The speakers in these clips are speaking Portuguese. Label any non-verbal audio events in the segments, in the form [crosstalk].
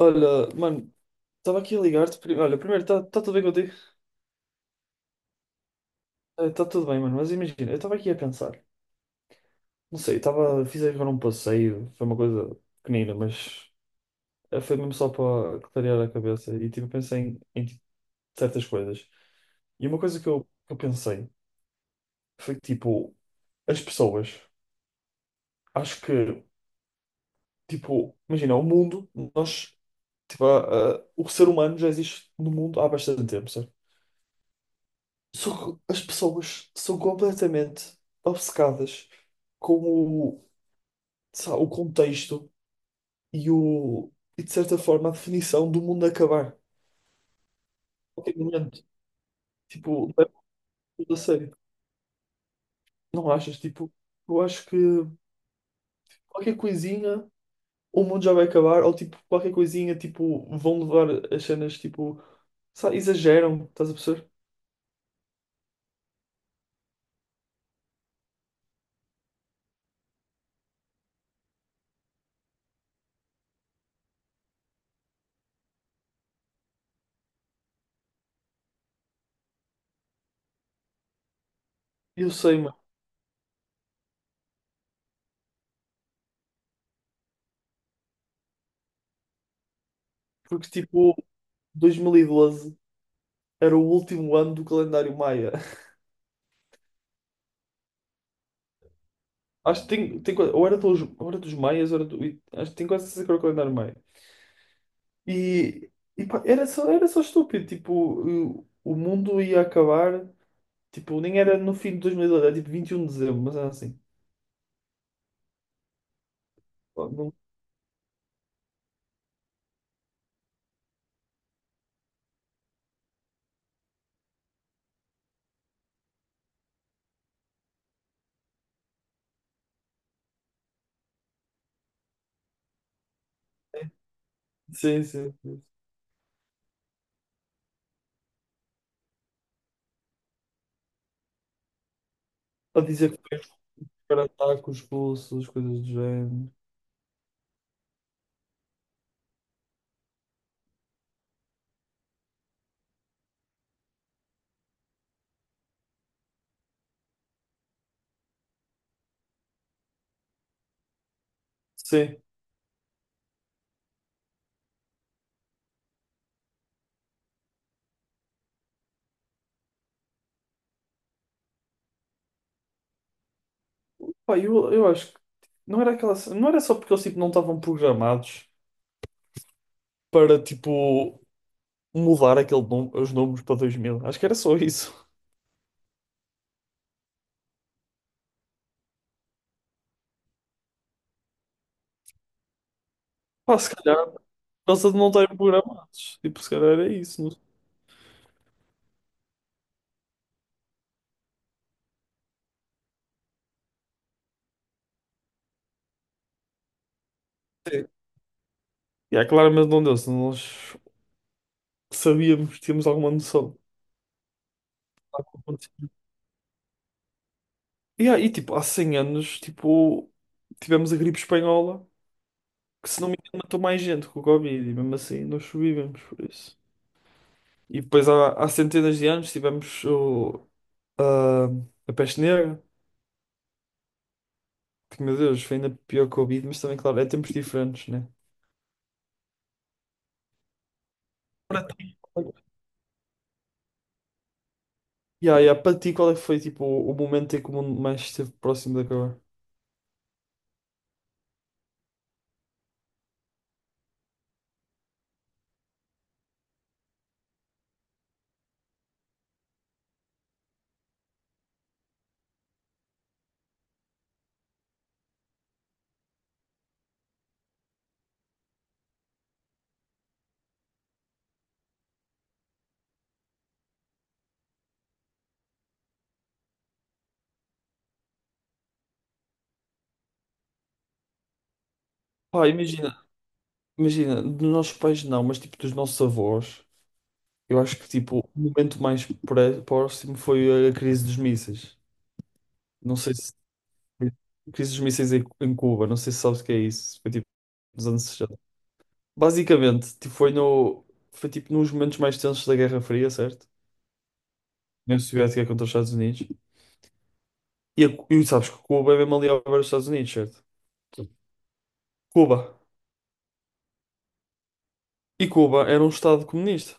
Olha, mano, estava aqui a ligar-te. Olha, primeiro, está tudo bem contigo? Está tudo bem, mano, mas imagina, eu estava aqui a pensar. Não sei, estava, fiz agora um passeio, foi uma coisa pequenina, mas foi mesmo só para clarear a cabeça e tipo, pensei em, tipo, certas coisas. E uma coisa que eu pensei foi que, tipo, as pessoas, acho que, tipo, imagina, o mundo, nós, tipo, o ser humano já existe no mundo há bastante tempo, certo? São- as pessoas são completamente obcecadas com o, sabe, o contexto e, o, e, de certa forma, a definição do mundo acabar. A qualquer momento. Tipo, leva tudo a sério. Não achas? Tipo, eu acho que qualquer coisinha o mundo já vai acabar, ou tipo, qualquer coisinha, tipo, vão levar as cenas, tipo, sabe, exageram, estás a perceber? Eu sei, mano, porque tipo, 2012 era o último ano do calendário maia. Acho que tem, tem ou era dos maias, ou era do, acho que tem quase certeza que era o calendário maia. E, e pá, era só estúpido, tipo, o mundo ia acabar, tipo, nem era no fim de 2012, era tipo 21 de dezembro, mas era assim. Pá, não- Sim, sim, sim. A dizer que foi para ataques russos, coisas do género. Sim. Pá, eu acho que não era aquela, não era só porque eles tipo, não estavam programados para, tipo, mudar aquele, nome- os números para dois mil. Acho que era só isso. Pá, se calhar. Nossa, de não estarem programados. Tipo, se calhar era isso. Não sei. Yeah, claramente não deu, se nós sabíamos, tínhamos alguma noção do que acontecia. Yeah, e tipo, há 100 anos, tipo, tivemos a gripe espanhola, que se não me engano matou mais gente com o Covid, e mesmo assim nós sobrevivemos por isso. E depois há centenas de anos tivemos a, a peste negra, que meu Deus, foi ainda pior que o Covid, mas também, claro, é tempos diferentes, né? Para ti. Yeah, yeah. Para ti, qual é que foi tipo, o momento em que o mundo mais esteve próximo de acabar? Pá, imagina, dos nossos pais não, mas tipo dos nossos avós, eu acho que tipo, o momento mais próximo foi a crise dos mísseis. Não sei se. A crise dos mísseis em Cuba, não sei se sabes o que é isso. Foi tipo nos anos 60. Basicamente, tipo, foi no. Foi tipo nos momentos mais tensos da Guerra Fria, certo? União Soviética contra os Estados Unidos. E, e sabes que Cuba é mesmo ali ao ver os Estados Unidos, certo? Sim. Cuba. E Cuba era um Estado comunista.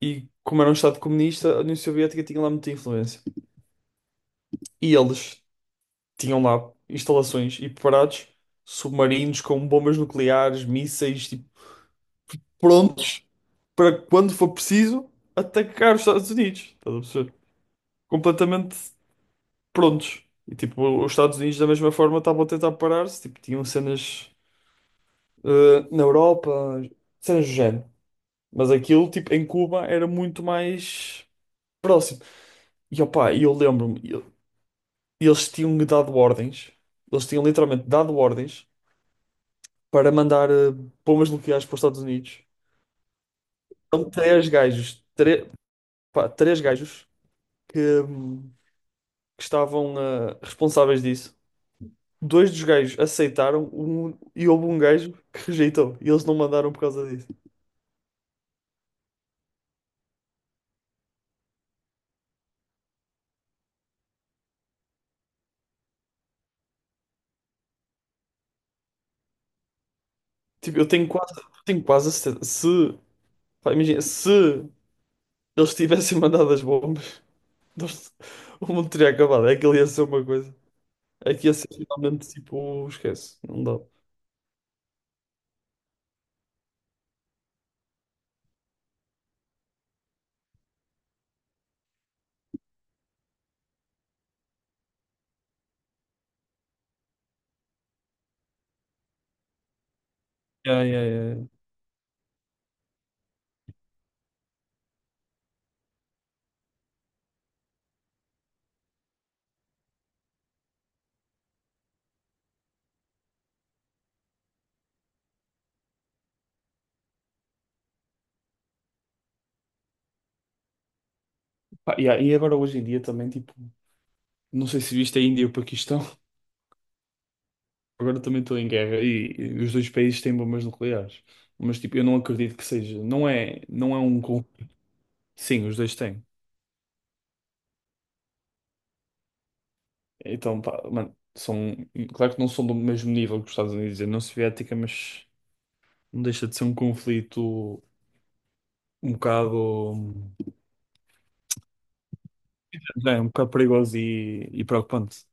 E como era um Estado comunista, a União Soviética tinha lá muita influência. E eles tinham lá instalações e preparados submarinos com bombas nucleares, mísseis, tipo, prontos para quando for preciso atacar os Estados Unidos. Estás a perceber? Completamente prontos. E tipo, os Estados Unidos da mesma forma estavam a tentar parar-se. Tipo, tinham cenas na Europa, cenas do género. Mas aquilo, tipo, em Cuba era muito mais próximo. E opa, eles tinham-me dado ordens, eles tinham literalmente dado ordens para mandar bombas nucleares para os Estados Unidos. São três gajos, pá, três gajos que, hum, que estavam responsáveis disso. Dois dos gajos aceitaram um, e houve um gajo que rejeitou. E eles não mandaram por causa disso. Tipo, tenho quase a certeza. Se, pá, imagina, se eles tivessem [laughs] mandado as bombas, [laughs] nós- o mundo teria acabado. É que ele ia ser uma coisa. Aqui a ser finalmente, tipo, esquece, não dá. Yeah, yeah, yeah. Pá, yeah, e agora hoje em dia também, tipo, não sei se viste a Índia e o Paquistão, [laughs] agora também estão em guerra e os dois países têm bombas nucleares. Mas, tipo, eu não acredito que seja. Não é um. Con- Sim, os dois têm. Então, pá, mano, são. Claro que não são do mesmo nível que os Estados Unidos e a União Soviética, mas não deixa de ser um conflito um bocado. É, um bocado perigoso e preocupante.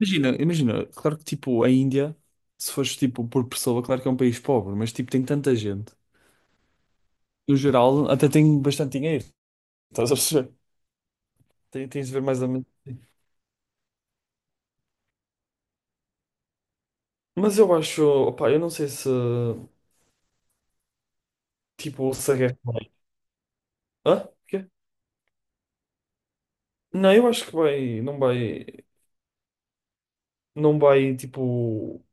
Imagina, claro que tipo a Índia, se fores tipo por pessoa, claro que é um país pobre, mas tipo tem tanta gente. No geral, até tem bastante dinheiro. Estás a perceber? Tem- Tens de ver mais ou menos assim. Mas eu acho, opá, eu não sei se, tipo, se a guerra. Hã? Quê? Não, eu acho que vai, não vai, tipo,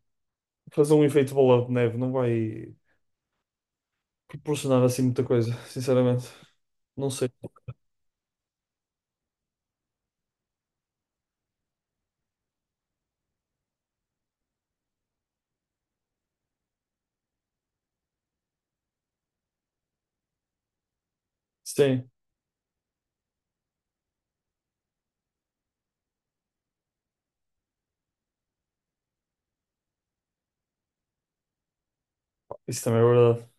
fazer um efeito bola de neve, não vai proporcionar assim muita coisa, sinceramente. Não sei. Sim, isso também é verdade.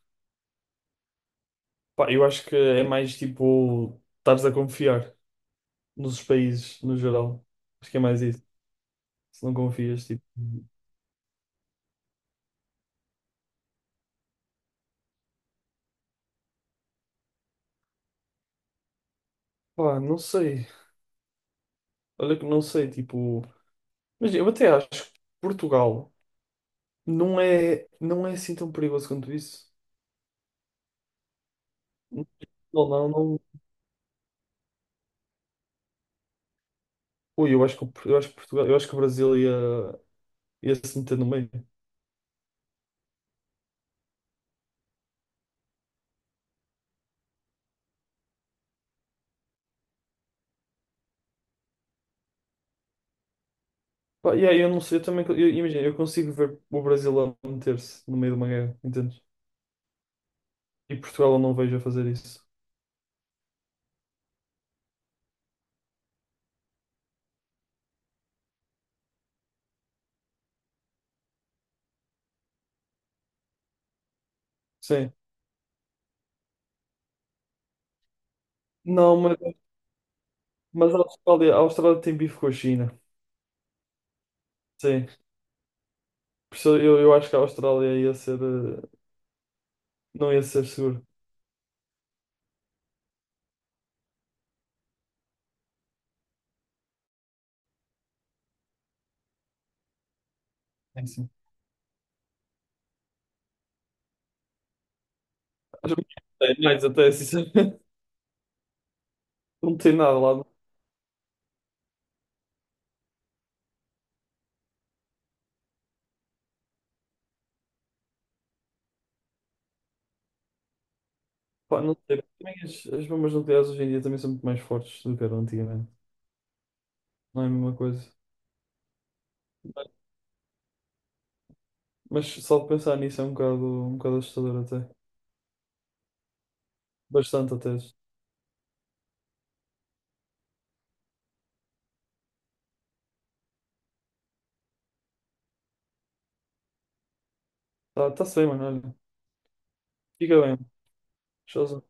Pá, eu acho que é mais tipo, estares a confiar nos países no geral. Acho que é mais isso. Se não confias, tipo. Pá, não sei. Olha que não sei, tipo. Mas eu até acho que Portugal não é assim tão perigoso quanto isso. Não, não, não. Ui, eu acho que, eu acho que Portugal, eu acho que o Brasil ia se meter no meio. Pá, e aí eu não sei, eu também. Eu- imagina, eu consigo ver o Brasil a meter-se no meio de uma guerra, entendes? E Portugal eu não vejo a fazer isso. Sim. Não, mas a Austrália tem bife com a China. Sim. Por isso eu acho que a Austrália ia ser, não ia ser seguro. É assim. Acho que tem mais até, sinceramente. [laughs] Não tem nada lá. Pá, não tem. Também as bombas nucleares hoje em dia também são muito mais fortes do que eram antigamente. Não é a mesma coisa. Mas só de pensar nisso é um bocado assustador até. Bastante até. Tá, tá-se bem, mano. Olha. Fica bem. Tchauzão.